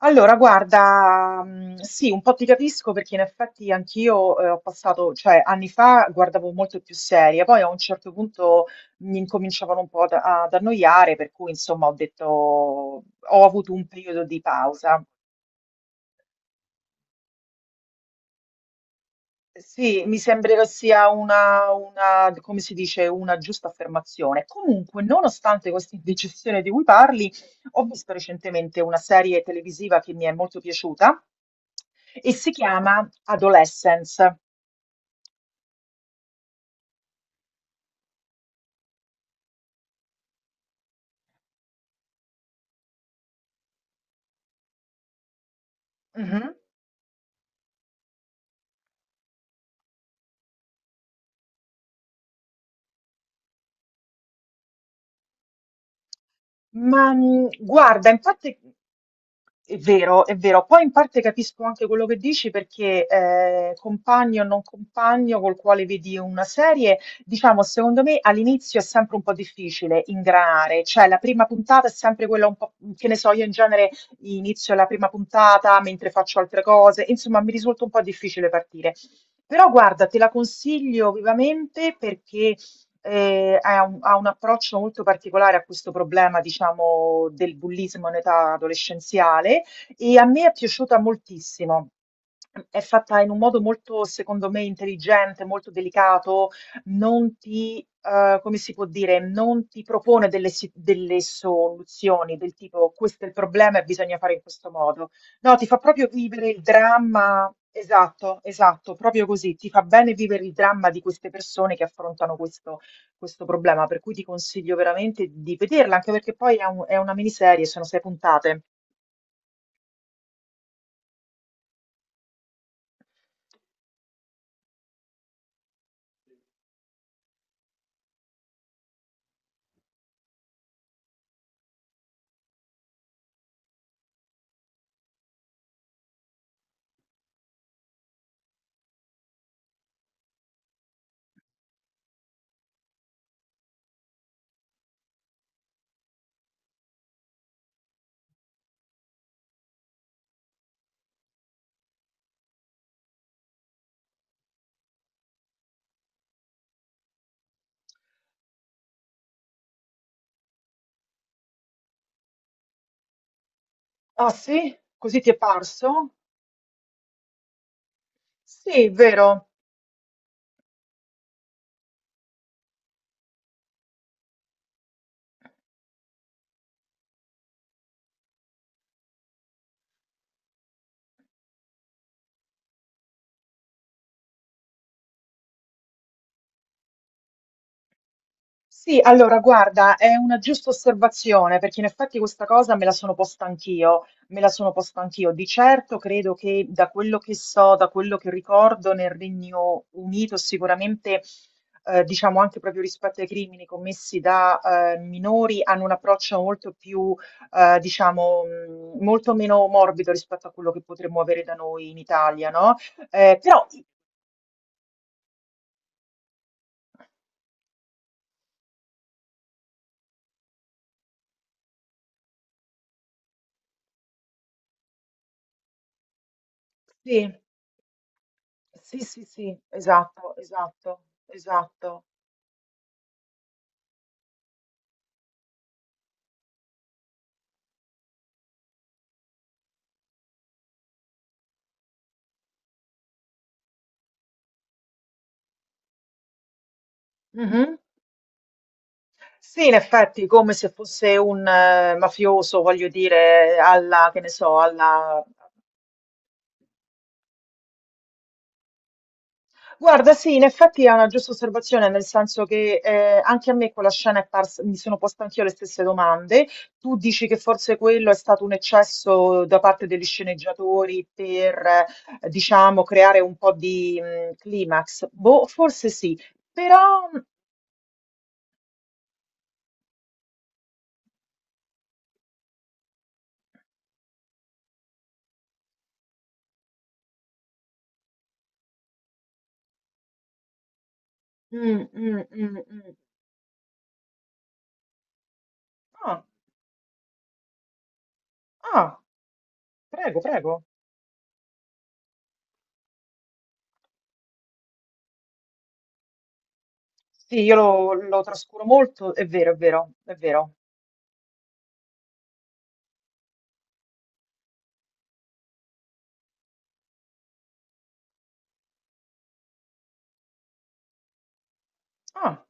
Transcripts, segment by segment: Allora, guarda, sì, un po' ti capisco perché in effetti anch'io, ho passato cioè anni fa guardavo molto più serie, poi a un certo punto mi incominciavano un po' ad annoiare, per cui insomma ho avuto un periodo di pausa. Sì, mi sembra che sia come si dice, una giusta affermazione. Comunque, nonostante questa indecisione di cui parli, ho visto recentemente una serie televisiva che mi è molto piaciuta e si chiama Adolescence. Mhm. Ma, guarda, in parte è vero, è vero. Poi in parte capisco anche quello che dici perché, compagno o non compagno col quale vedi una serie, diciamo secondo me all'inizio è sempre un po' difficile ingranare, cioè la prima puntata è sempre quella un po' che ne so, io in genere inizio la prima puntata mentre faccio altre cose, insomma mi risulta un po' difficile partire. Però guarda, te la consiglio vivamente perché ha un approccio molto particolare a questo problema, diciamo, del bullismo in età adolescenziale e a me è piaciuta moltissimo. È fatta in un modo molto, secondo me, intelligente, molto delicato, non ti, come si può dire, non ti propone delle soluzioni del tipo questo è il problema e bisogna fare in questo modo. No, ti fa proprio vivere il dramma, esatto, esatto, proprio così, ti fa bene vivere il dramma di queste persone che affrontano questo problema, per cui ti consiglio veramente di vederla, anche perché poi è una miniserie, sono sei puntate. Ah, sì? Così ti è parso? Sì, vero. Sì, allora guarda, è una giusta osservazione perché in effetti questa cosa me la sono posta anch'io, me la sono posta anch'io. Di certo credo che da quello che so, da quello che ricordo nel Regno Unito sicuramente, diciamo anche proprio rispetto ai crimini commessi da minori, hanno un approccio molto più, diciamo, molto meno morbido rispetto a quello che potremmo avere da noi in Italia, no? Però sì, sì, sì, sì, esatto, esatto, esatto. Mh-mh. Sì, in effetti, come se fosse un mafioso, voglio dire, alla, che ne so, alla. Guarda, sì, in effetti è una giusta osservazione, nel senso che, anche a me quella scena è pars mi sono posta anch'io le stesse domande. Tu dici che forse quello è stato un eccesso da parte degli sceneggiatori per, diciamo, creare un po' di, climax. Boh, forse sì, però mh, mh, mh, mh. Ah, ah, prego, prego. Sì, io lo trascuro molto, è vero, è vero, è vero. Ah,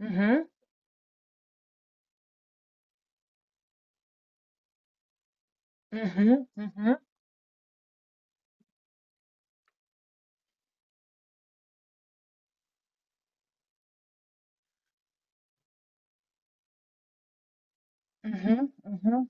mhm, mhm, mhm, mhm, mhm.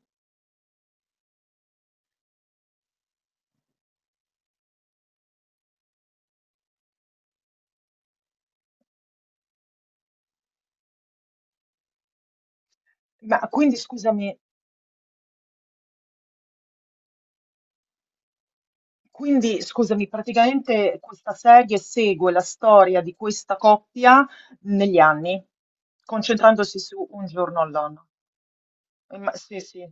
Ma quindi scusami, praticamente questa serie segue la storia di questa coppia negli anni, concentrandosi su un giorno all'anno. Sì, sì,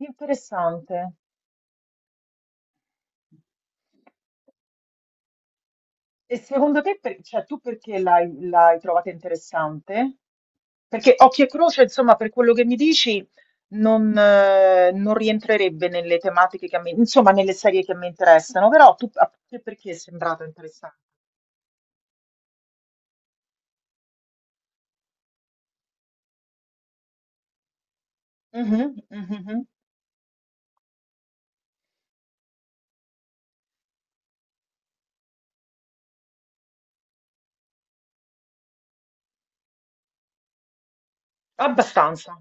interessante. E secondo te, cioè, tu perché l'hai trovata interessante? Perché Occhio e Croce, insomma, per quello che mi dici, non rientrerebbe nelle tematiche che a me, insomma, nelle serie che a me interessano, però tu a te perché è sembrato interessante? Mhm, mhm, mhm. Abbastanza.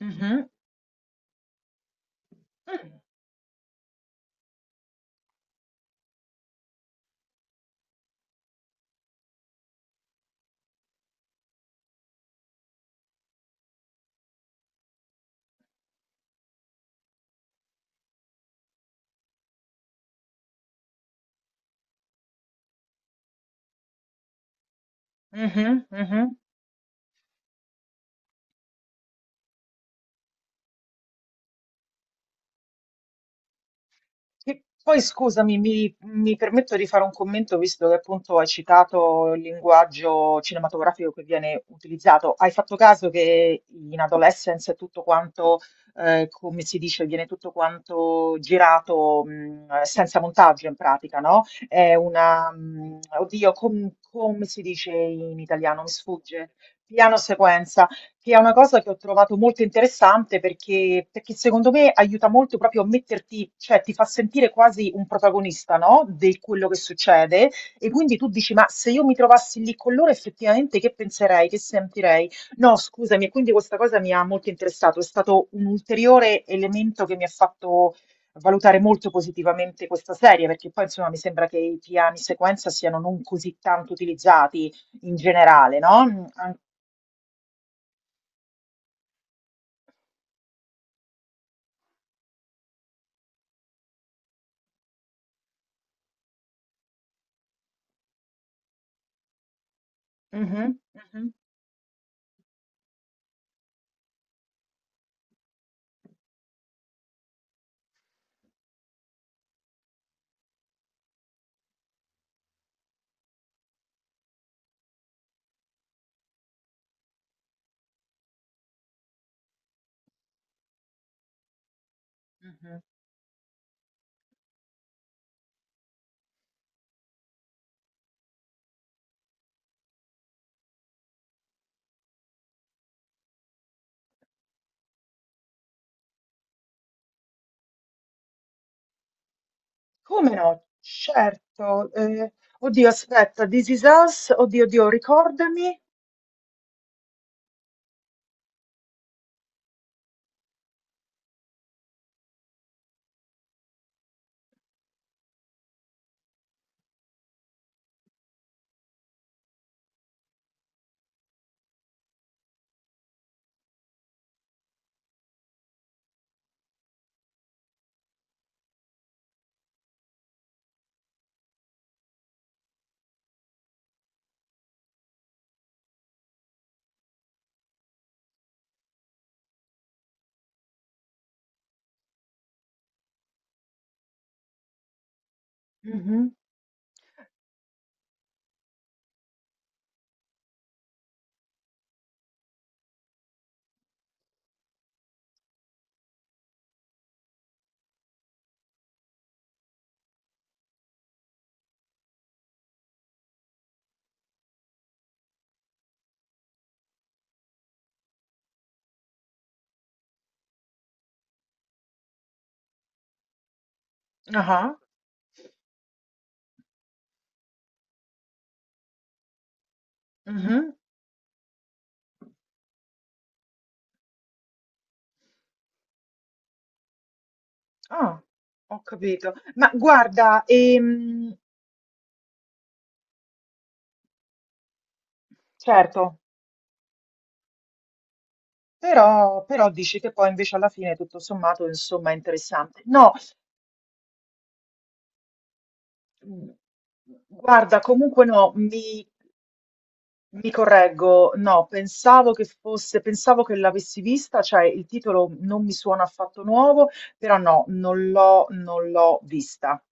Mhm. Mm, mhm, mhm. Che poi scusami, mi permetto di fare un commento visto che appunto hai citato il linguaggio cinematografico che viene utilizzato. Hai fatto caso che in Adolescence è tutto quanto, come si dice, viene tutto quanto girato senza montaggio in pratica, no? È una, oddio, come si dice in italiano? Mi sfugge. Piano sequenza, che è una cosa che ho trovato molto interessante perché secondo me aiuta molto proprio a metterti, cioè ti fa sentire quasi un protagonista, no? Di quello che succede, e quindi tu dici, ma se io mi trovassi lì con loro effettivamente, che penserei, che sentirei? No, scusami, e quindi questa cosa mi ha molto interessato, è stato un ulteriore elemento che mi ha fatto valutare molto positivamente questa serie, perché poi insomma mi sembra che i piani sequenza siano non così tanto utilizzati in generale, no? Mm, mhm, mhm. Mh-mh. Come no? Certo, oddio aspetta, This Is Us, oddio, oddio, ricordami. Mh-mh. Ah-ah. Mh-mh. Ah, ho capito. Ma guarda, certo, però dici che poi invece alla fine tutto sommato, insomma, è interessante. No, mhmm, guarda comunque no, Mi correggo, no, pensavo che l'avessi vista, cioè il titolo non mi suona affatto nuovo, però no, non l'ho vista.